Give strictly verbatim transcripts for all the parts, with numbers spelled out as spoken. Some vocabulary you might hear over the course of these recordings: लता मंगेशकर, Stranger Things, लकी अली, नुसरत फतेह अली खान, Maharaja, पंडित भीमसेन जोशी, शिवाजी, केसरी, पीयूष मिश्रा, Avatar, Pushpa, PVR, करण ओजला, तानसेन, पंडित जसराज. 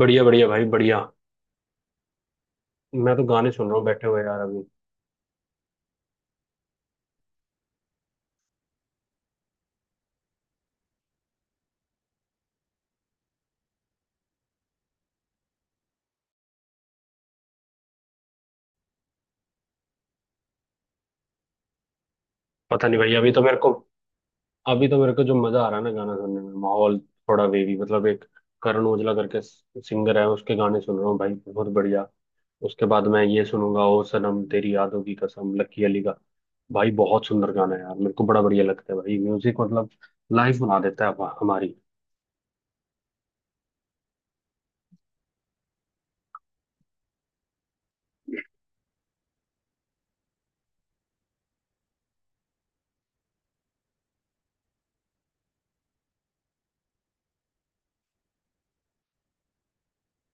बढ़िया बढ़िया भाई बढ़िया। मैं तो गाने सुन रहा हूँ बैठे हुए यार अभी। पता नहीं भाई अभी तो मेरे को, अभी तो मेरे को जो मजा आ रहा है ना गाना सुनने में, माहौल थोड़ा वेवी, मतलब एक करण ओजला करके सिंगर है, उसके गाने सुन रहा हूँ भाई, बहुत बढ़िया। उसके बाद मैं ये सुनूंगा, ओ सनम तेरी यादों की कसम, लकी अली का। भाई बहुत सुंदर गाना है यार, मेरे को बड़ा बढ़िया लगता है भाई। म्यूजिक मतलब लाइफ बना देता है हमा- हमारी।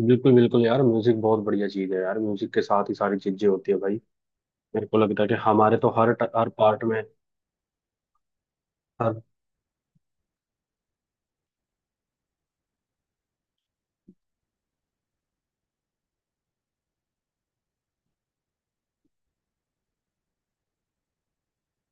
बिल्कुल बिल्कुल यार, म्यूजिक बहुत बढ़िया चीज है यार। म्यूजिक के साथ ही सारी चीजें होती है भाई। मेरे को लगता है कि हमारे तो हर ट- हर पार्ट में। हर।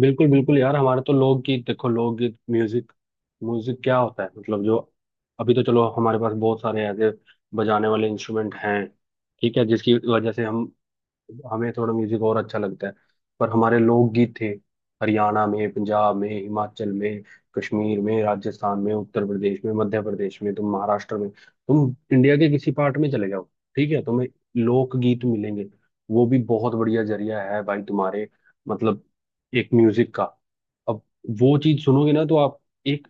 बिल्कुल बिल्कुल यार, हमारे तो लोकगीत, देखो लोकगीत। म्यूजिक म्यूजिक क्या होता है मतलब जो। अभी तो चलो हमारे पास बहुत सारे ऐसे बजाने वाले इंस्ट्रूमेंट हैं, ठीक है, जिसकी वजह से हम, हमें थोड़ा म्यूजिक और अच्छा लगता है। पर हमारे लोकगीत थे हरियाणा में, पंजाब में, हिमाचल में, कश्मीर में, राजस्थान में, उत्तर प्रदेश में, मध्य प्रदेश में, तुम महाराष्ट्र में, तुम इंडिया के किसी पार्ट में चले जाओ, ठीक है, तुम्हें लोकगीत मिलेंगे। वो भी बहुत बढ़िया जरिया है भाई तुम्हारे, मतलब, एक म्यूजिक का। अब वो चीज सुनोगे ना तो आप, एक,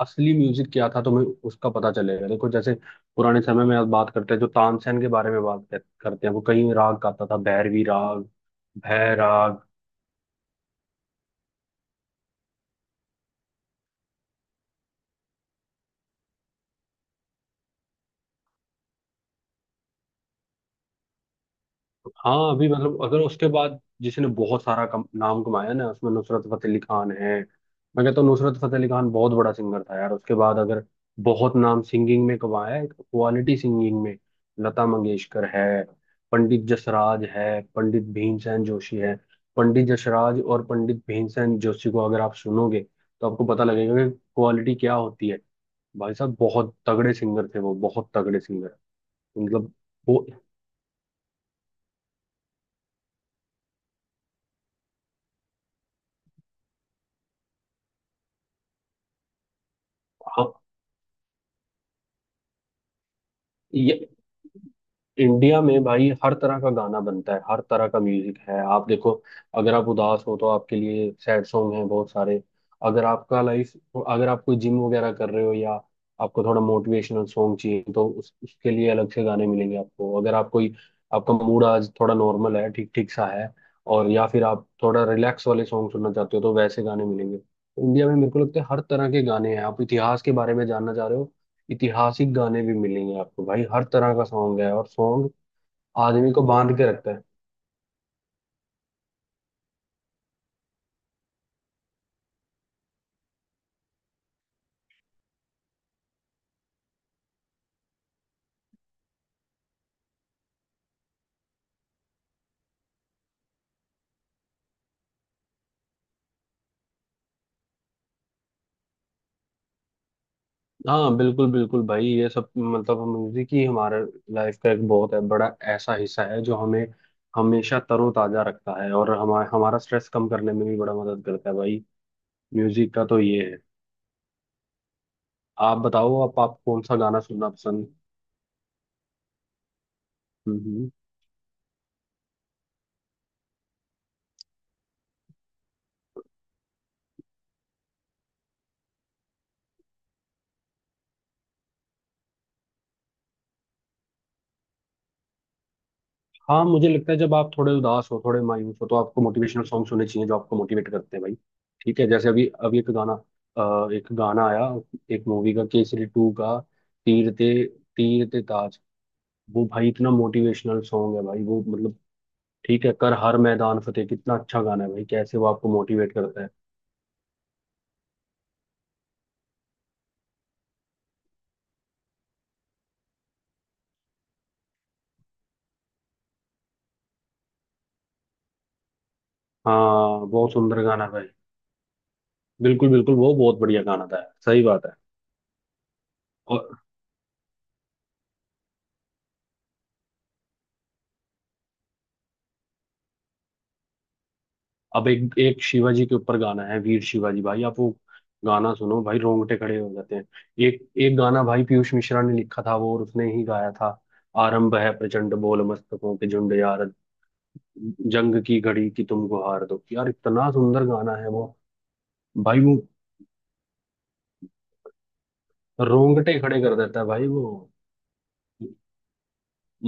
असली म्यूजिक क्या था तुम्हें उसका पता चलेगा। देखो जैसे पुराने समय में आप बात करते हैं, जो तानसेन के बारे में बात कर- करते हैं, वो कई राग गाता था, भैरवी राग, भैराग। हाँ अभी मतलब, अगर उसके बाद जिसने बहुत सारा कम, नाम कमाया ना उसमें नुसरत फतेह अली खान है। मैं कहता हूँ नुसरत फतेह अली खान बहुत बड़ा सिंगर था यार। उसके बाद अगर बहुत नाम सिंगिंग में कमाया है, क्वालिटी सिंगिंग में, लता मंगेशकर है, पंडित जसराज है, पंडित भीमसेन जोशी है। पंडित जसराज और पंडित भीमसेन जोशी को अगर आप सुनोगे तो आपको पता लगेगा कि क्वालिटी क्या होती है। भाई साहब बहुत तगड़े सिंगर थे वो, बहुत तगड़े सिंगर, मतलब वो। हाँ, इंडिया में भाई हर तरह का गाना बनता है, हर तरह का म्यूजिक है। आप देखो, अगर आप उदास हो तो आपके लिए सैड सॉन्ग हैं बहुत सारे। अगर आपका लाइफ, अगर आप कोई जिम वगैरह कर रहे हो, या आपको थोड़ा मोटिवेशनल सॉन्ग चाहिए, तो उस, उसके लिए अलग से गाने मिलेंगे आपको। अगर आप कोई, आपका मूड आज थोड़ा नॉर्मल है, ठीक ठीक सा है, और या फिर आप थोड़ा रिलैक्स वाले सॉन्ग सुनना चाहते हो, तो वैसे गाने मिलेंगे। तो इंडिया में मेरे को लगता है हर तरह के गाने हैं। आप इतिहास के बारे में जानना चाह रहे हो, ऐतिहासिक गाने भी मिलेंगे आपको भाई। हर तरह का सॉन्ग है, और सॉन्ग आदमी को बांध के रखता है। हाँ बिल्कुल बिल्कुल भाई, ये सब मतलब म्यूजिक ही हमारे लाइफ का एक बहुत है बड़ा ऐसा हिस्सा है, जो हमें हमेशा तरोताजा रखता है, और हमारा हमारा स्ट्रेस कम करने में भी बड़ा मदद करता है भाई। म्यूजिक का तो ये है। आप बताओ, आप, आप कौन सा गाना सुनना पसंद। हम्म। हाँ मुझे लगता है जब आप थोड़े उदास हो, थोड़े मायूस हो, तो आपको मोटिवेशनल सॉन्ग सुनने चाहिए जो आपको मोटिवेट करते हैं भाई। ठीक है, जैसे अभी अभी एक गाना, अ, एक गाना आया, एक मूवी का, केसरी टू का, तीर ते, तीर ते ताज, वो भाई इतना मोटिवेशनल सॉन्ग है भाई वो, मतलब, ठीक है, कर हर मैदान फतेह, कितना अच्छा गाना है भाई, कैसे वो आपको मोटिवेट करता है। हाँ बहुत सुंदर गाना है भाई। बिल्कुल बिल्कुल वो बहुत बढ़िया गाना था, सही बात है। अब एक, एक शिवाजी के ऊपर गाना है, वीर शिवाजी, भाई आप वो गाना सुनो भाई, रोंगटे खड़े हो जाते हैं। एक, एक गाना भाई पीयूष मिश्रा ने लिखा था वो, और उसने ही गाया था। आरंभ है प्रचंड बोल मस्तकों के झुंड, यार, जंग की घड़ी की तुमको हार दो, यार इतना सुंदर गाना है वो। भाई वो रोंगटे खड़े कर देता है भाई वो,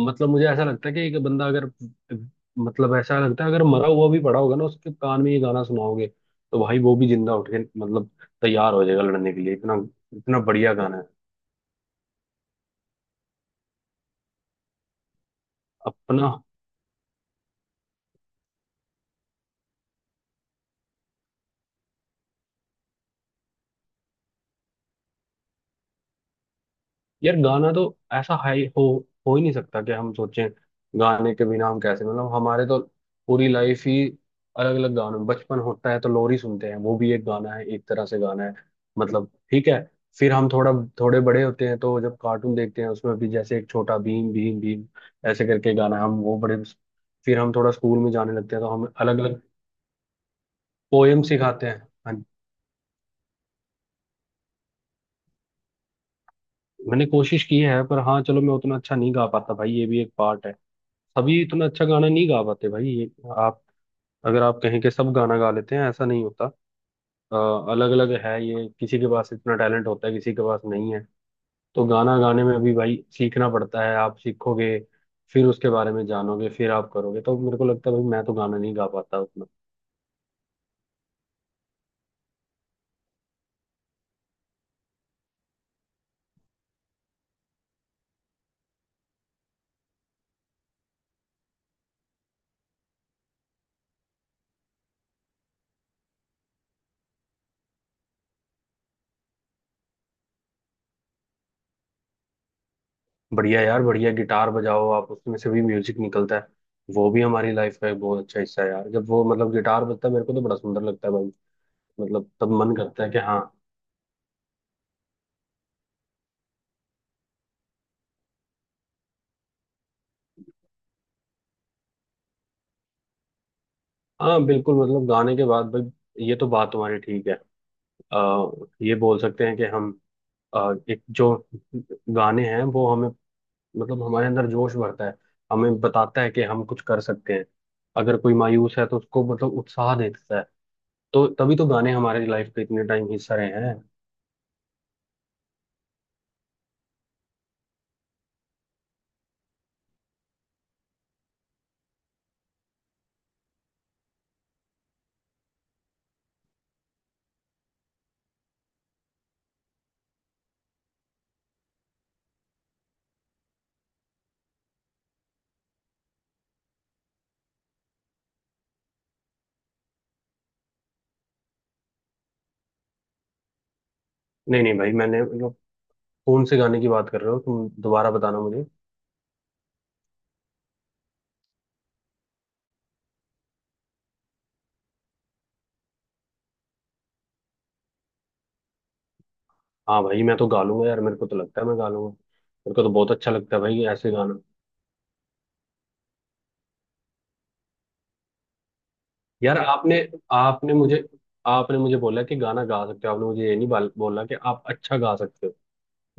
मतलब। मुझे ऐसा लगता है कि एक बंदा अगर, मतलब ऐसा लगता है अगर मरा हुआ भी पड़ा होगा ना, उसके कान में ये गाना सुनाओगे तो भाई वो भी जिंदा उठ के, मतलब, तैयार हो जाएगा लड़ने के लिए, इतना, इतना बढ़िया गाना है। अपना। यार गाना तो, ऐसा हाई, हो हो ही नहीं सकता कि हम सोचें गाने के बिना हम कैसे, मतलब हमारे तो पूरी लाइफ ही अलग अलग गानों में। बचपन होता है तो लोरी सुनते हैं, वो भी एक गाना है, एक तरह से गाना है, मतलब, ठीक है। फिर हम थोड़ा, थोड़े बड़े होते हैं तो जब कार्टून देखते हैं, उसमें भी जैसे एक छोटा भीम, भीम भीम ऐसे करके गाना है, हम वो बड़े। फिर हम थोड़ा स्कूल में जाने लगते हैं तो हमें अलग अलग पोएम सिखाते हैं। हाँ, मैंने कोशिश की है, पर हाँ चलो मैं उतना अच्छा नहीं गा पाता भाई, ये भी एक पार्ट है। सभी इतना अच्छा गाना नहीं गा पाते भाई ये। आप, अगर आप कहें कि सब गाना गा लेते हैं, ऐसा नहीं होता। अलग अलग है ये, किसी के पास इतना टैलेंट होता है, किसी के पास नहीं है। तो गाना गाने में भी भाई सीखना पड़ता है, आप सीखोगे फिर उसके बारे में जानोगे फिर आप करोगे। तो मेरे को लगता है भाई मैं तो गाना नहीं गा पाता उतना। बढ़िया यार, बढ़िया गिटार बजाओ आप, उसमें से भी म्यूजिक निकलता है। वो भी हमारी लाइफ का एक बहुत अच्छा हिस्सा है यार, जब वो मतलब गिटार बजता है मेरे को तो बड़ा सुंदर लगता है भाई। मतलब तब मन करता है कि हाँ। हाँ बिल्कुल, मतलब गाने के बाद भाई ये तो बात तुम्हारी ठीक है। आ, ये बोल सकते हैं कि हम, अ, एक जो गाने हैं वो हमें, मतलब हमारे अंदर जोश भरता है, हमें बताता है कि हम कुछ कर सकते हैं, अगर कोई मायूस है तो उसको मतलब उत्साह देता है। तो तभी तो गाने हमारे लाइफ का इतने टाइम हिस्सा रहे हैं। नहीं नहीं भाई मैंने, मतलब, कौन से गाने की बात कर रहे हो तुम दोबारा बताना मुझे। हाँ भाई मैं तो गा लूंगा यार, मेरे को तो लगता है मैं गा लूंगा, मेरे को तो बहुत अच्छा लगता है भाई ऐसे गाना। यार आपने, आपने मुझे आपने मुझे बोला कि गाना गा सकते हो, आपने मुझे ये नहीं बाल- बोला कि आप अच्छा गा सकते हो।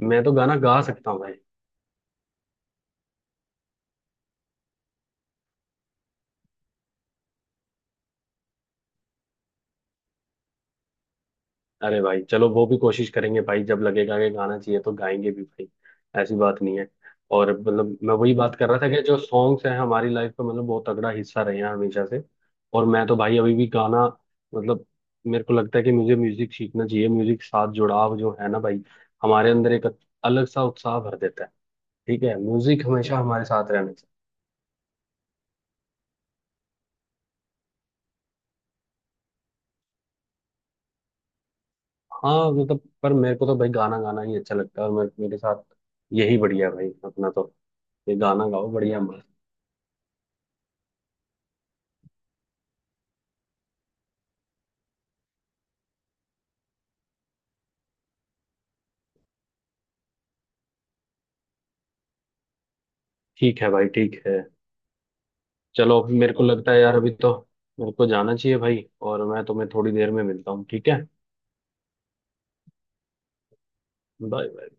मैं तो गाना गा सकता हूँ भाई। अरे भाई चलो वो भी कोशिश करेंगे भाई, जब लगेगा कि गाना चाहिए तो गाएंगे भी भाई, ऐसी बात नहीं है। और मतलब मैं वही बात कर रहा था कि जो सॉन्ग्स हैं हमारी लाइफ का मतलब बहुत तगड़ा हिस्सा रहे हैं हमेशा से। और मैं तो भाई अभी भी गाना, मतलब, मेरे को लगता है कि मुझे म्यूजिक सीखना चाहिए। म्यूजिक साथ जुड़ाव जो है ना भाई हमारे अंदर एक अलग सा उत्साह भर देता है। ठीक है, म्यूजिक हमेशा हमारे साथ रहना चाहिए। हाँ मतलब, पर मेरे को तो भाई गाना गाना ही अच्छा लगता है, और मेरे, मेरे साथ यही बढ़िया है भाई अपना तो, ये गाना गाओ बढ़िया मस्त। ठीक है भाई ठीक है। चलो अभी मेरे को लगता है यार, अभी तो मेरे को जाना चाहिए भाई, और मैं तुम्हें थोड़ी देर में मिलता हूँ ठीक है। बाय।